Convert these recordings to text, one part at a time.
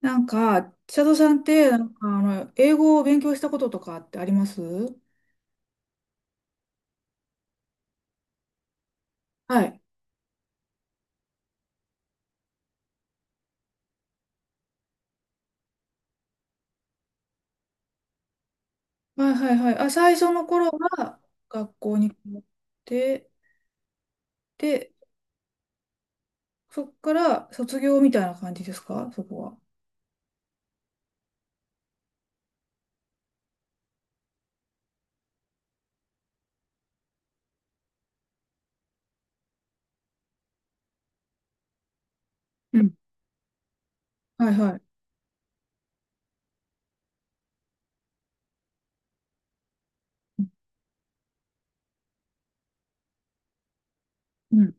なんか、千里さんって、なんか、英語を勉強したこととかってありますはい。はいはいはい。あ、最初の頃は学校に通って、で、そっから卒業みたいな感じですか、そこは？うん。はいはい。うん。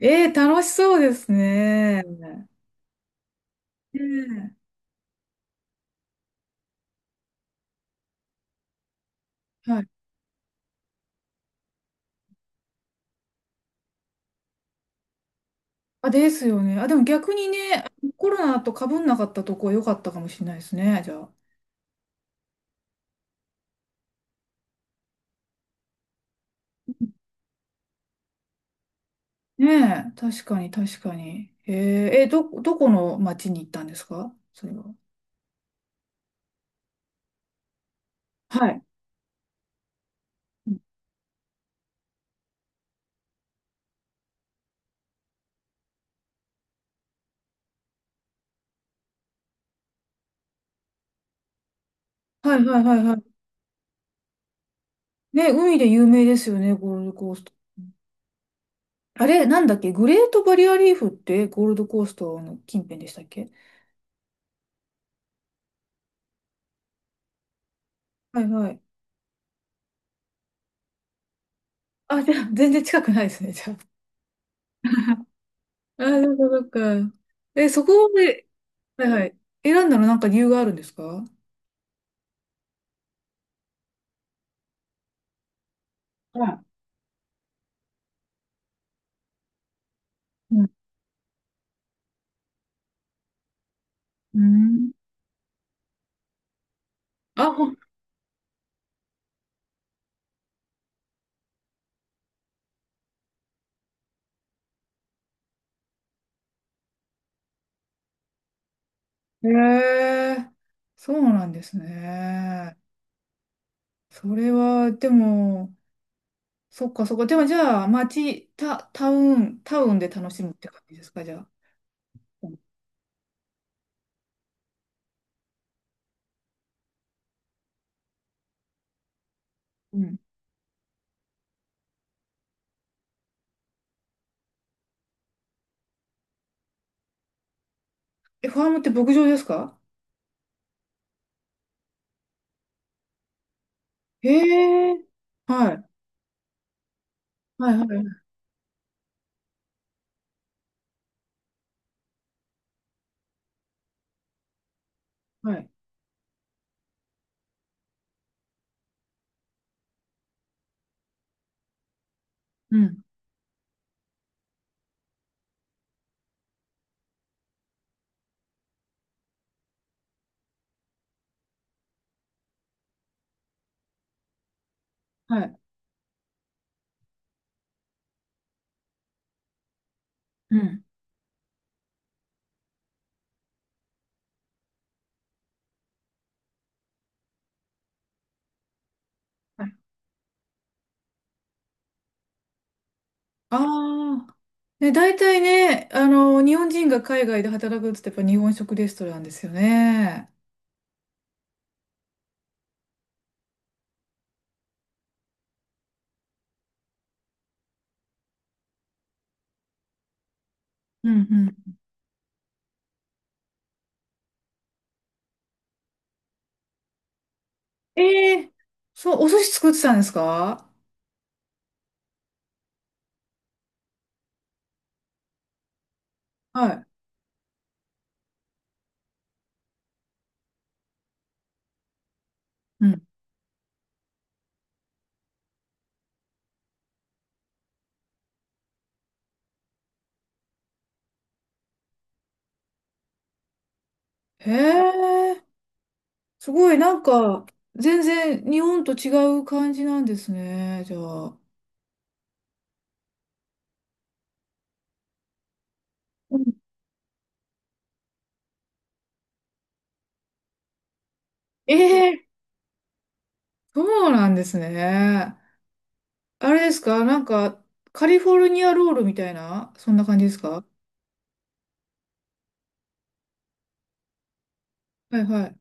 楽しそうですね。ねえ。はい。あ、ですよね。あ、でも逆にね、コロナと被んなかったとこ良かったかもしれないですね、じゃあ。ねえ、確かに確かに。へえー、どこの町に行ったんですか、それは？はい。うん。はいはいはいはい。ね、海で有名ですよね、ゴールドコースト。あれ、なんだっけ、グレートバリアリーフってゴールドコーストの近辺でしたっけ？はいはい。あ、じゃあ、全然近くないですね、じゃあ。あ、そっかそっか。そこで、はいはい、選んだのなんか理由があるんですか？はい。うん。うん。あ、ほへえ、そうなんですね。それは、でも、そっかそっか。でもじゃあ、町タ、タウン、タウンで楽しむって感じですか、じゃあ。うん。ファームって牧場ですか？へえ。はい。はいはいはい。うん。はい。うん。はい。ああ。ね、大体ね、日本人が海外で働くって言ったらやっぱ日本食レストランですよね。うんうん。ええ。そう、お寿司作ってたんですか？はい。うん。へえ。すごい、なんか、全然日本と違う感じなんですね、じゃあ。うん。ええ。そうなんですね。あれですか、なんか、カリフォルニアロールみたいな、そんな感じですか？はいはい。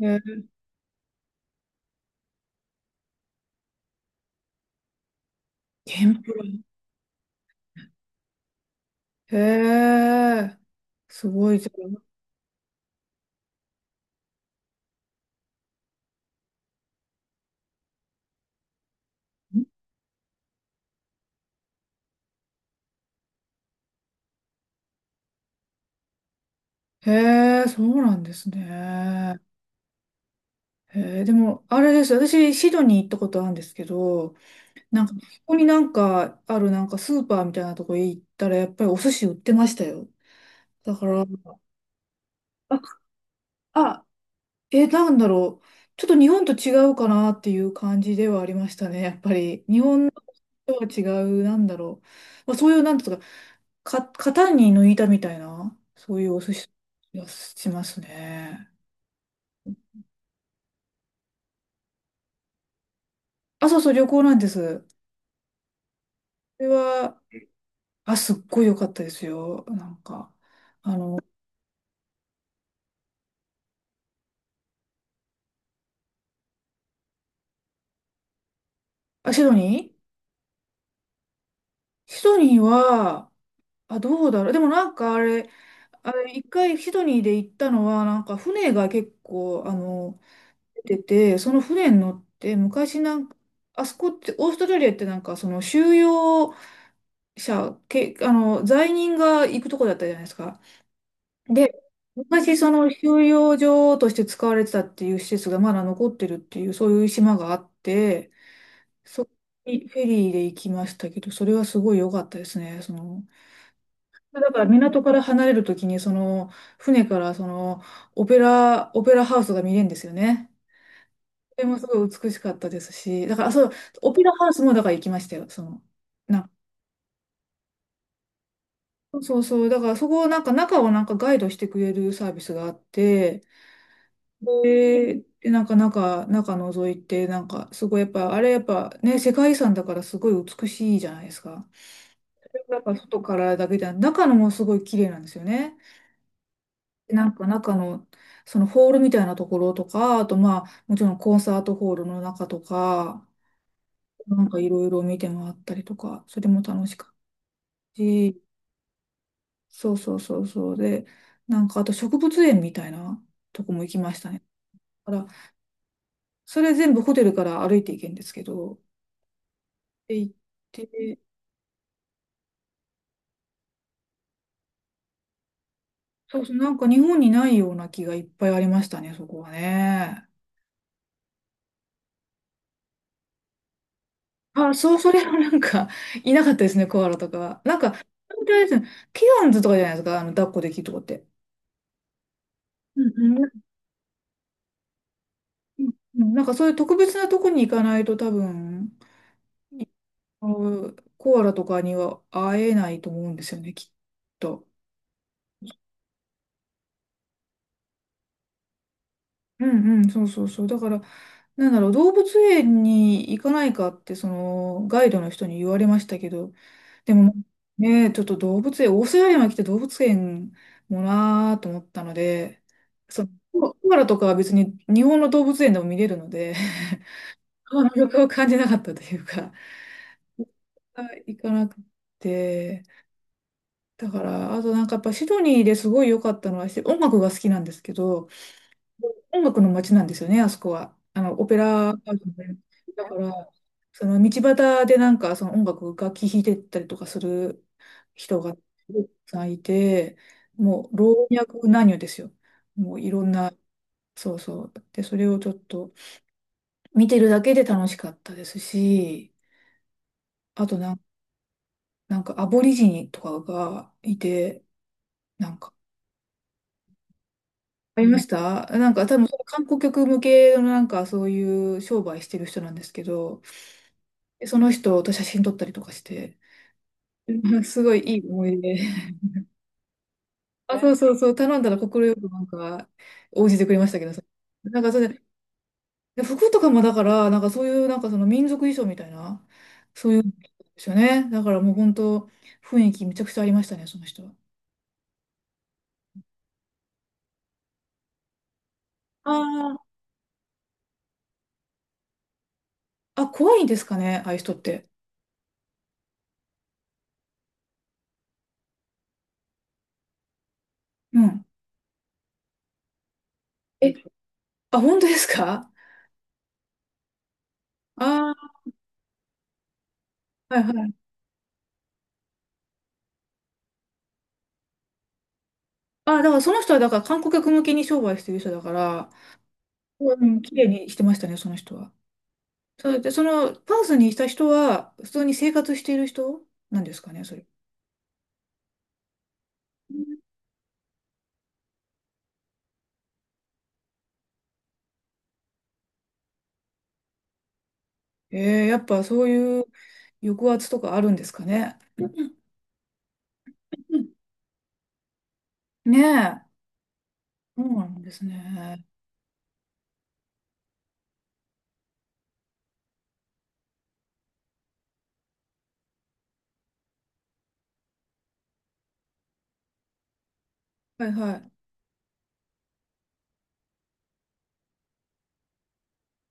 ええ。天ぷら。へえ、すごいじゃん。へえ、そうなんですね。へえ、でも、あれです。私、シドニー行ったことあるんですけど、なんか、ここになんかあるなんかスーパーみたいなとこ行ったら、やっぱりお寿司売ってましたよ。だから、あ、あ、なんだろう。ちょっと日本と違うかなっていう感じではありましたね、やっぱり。日本とは違う、なんだろう。まあ、そういう、なんていうか、型に抜いたみたいな、そういうお寿司がしますね。あ、そうそう、旅行なんです。これは、あ、すっごい良かったですよ。なんか、あの、あ、シドニーは、あ、どうだろう。でもなんかあれ、一回シドニーで行ったのは、なんか船が結構、出てて、その船に乗って、昔なんか、あそこって、オーストラリアってなんか、その収容者、け、あの、罪人が行くとこだったじゃないですか。で、昔その収容所として使われてたっていう施設がまだ残ってるっていう、そういう島があって、そこにフェリーで行きましたけど、それはすごい良かったですね。だから港から離れるときに、その、船からその、オペラハウスが見れるんですよね。それもすごい美しかったですし、だから、あそう、オペラハウスもだから行きましたよ、な、そうそう、だからそこをなんか中をなんかガイドしてくれるサービスがあって、で、でなんか中覗いて、なんかすごいやっぱ、あれやっぱね、世界遺産だからすごい美しいじゃないですか。だから外からだけじゃなく、中のもすごい綺麗なんですよね。なんか中の、そのホールみたいなところとか、あとまあ、もちろんコンサートホールの中とか、なんかいろいろ見て回ったりとか、それも楽しかったし、そうそうそうそう。で、なんかあと植物園みたいなとこも行きましたね。だから、それ全部ホテルから歩いていけんですけど、で行って、そうそう、なんか日本にないような気がいっぱいありましたね、そこはね。あ、そう、それはなんか、いなかったですね、コアラとかは。なんか、本当にあですねケアンズとかじゃないですか、抱っこできるとこって。うんうんうん。なんかそういう特別なとこに行かないと多分、あのコアラとかには会えないと思うんですよね、きっと。うんうん、そうそうそう。だから、なんだろう、動物園に行かないかって、その、ガイドの人に言われましたけど、でもね、ちょっと動物園、オーストラリアに来て動物園もなーと思ったので、その、コアラとかは別に日本の動物園でも見れるので、あの魅力を感じなかったというか、行かなくて、だから、あとなんかやっぱシドニーですごい良かったのは、音楽が好きなんですけど、音楽の街なんですよね、あそこは。オペラハウスで。だから、その道端でなんかその楽器弾いてったりとかする人がたくさんいて、もう老若男女ですよ。もういろんな、そうそう。で、それをちょっと見てるだけで楽しかったですし、あとなんかアボリジニとかがいて、なんか、ありました。なんか多分その観光客向けのなんかそういう商売してる人なんですけど、でその人と写真撮ったりとかして、すごいいい思い出。あ、そうそうそう、頼んだら快くなんか応じてくれましたけど、なんかそれで、で服とかもだから、なんかそういうなんかその民族衣装みたいな、そういうんですよね。だからもう本当、雰囲気めちゃくちゃありましたね、その人は。ああ、あ、怖いんですかね、ああいう人って。うん。え、あ、本当ですか？ああー、はいはい。ああ、だからその人はだから観光客向けに商売してる人だから、うん、綺麗にしてましたね、その人は。それで、その、パースにいた人は、普通に生活している人なんですかね、それ。ええ、やっぱそういう抑圧とかあるんですかね。うんうん。ねえ、そうなんですね。はいはい。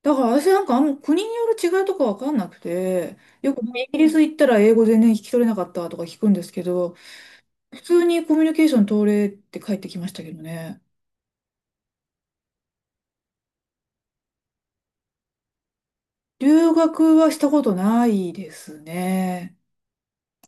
だから私なんかあんま国による違いとかわかんなくて、よくイギリス行ったら英語全然聞き取れなかったとか聞くんですけど、普通にコミュニケーション取れって帰ってきましたけどね。留学はしたことないですね。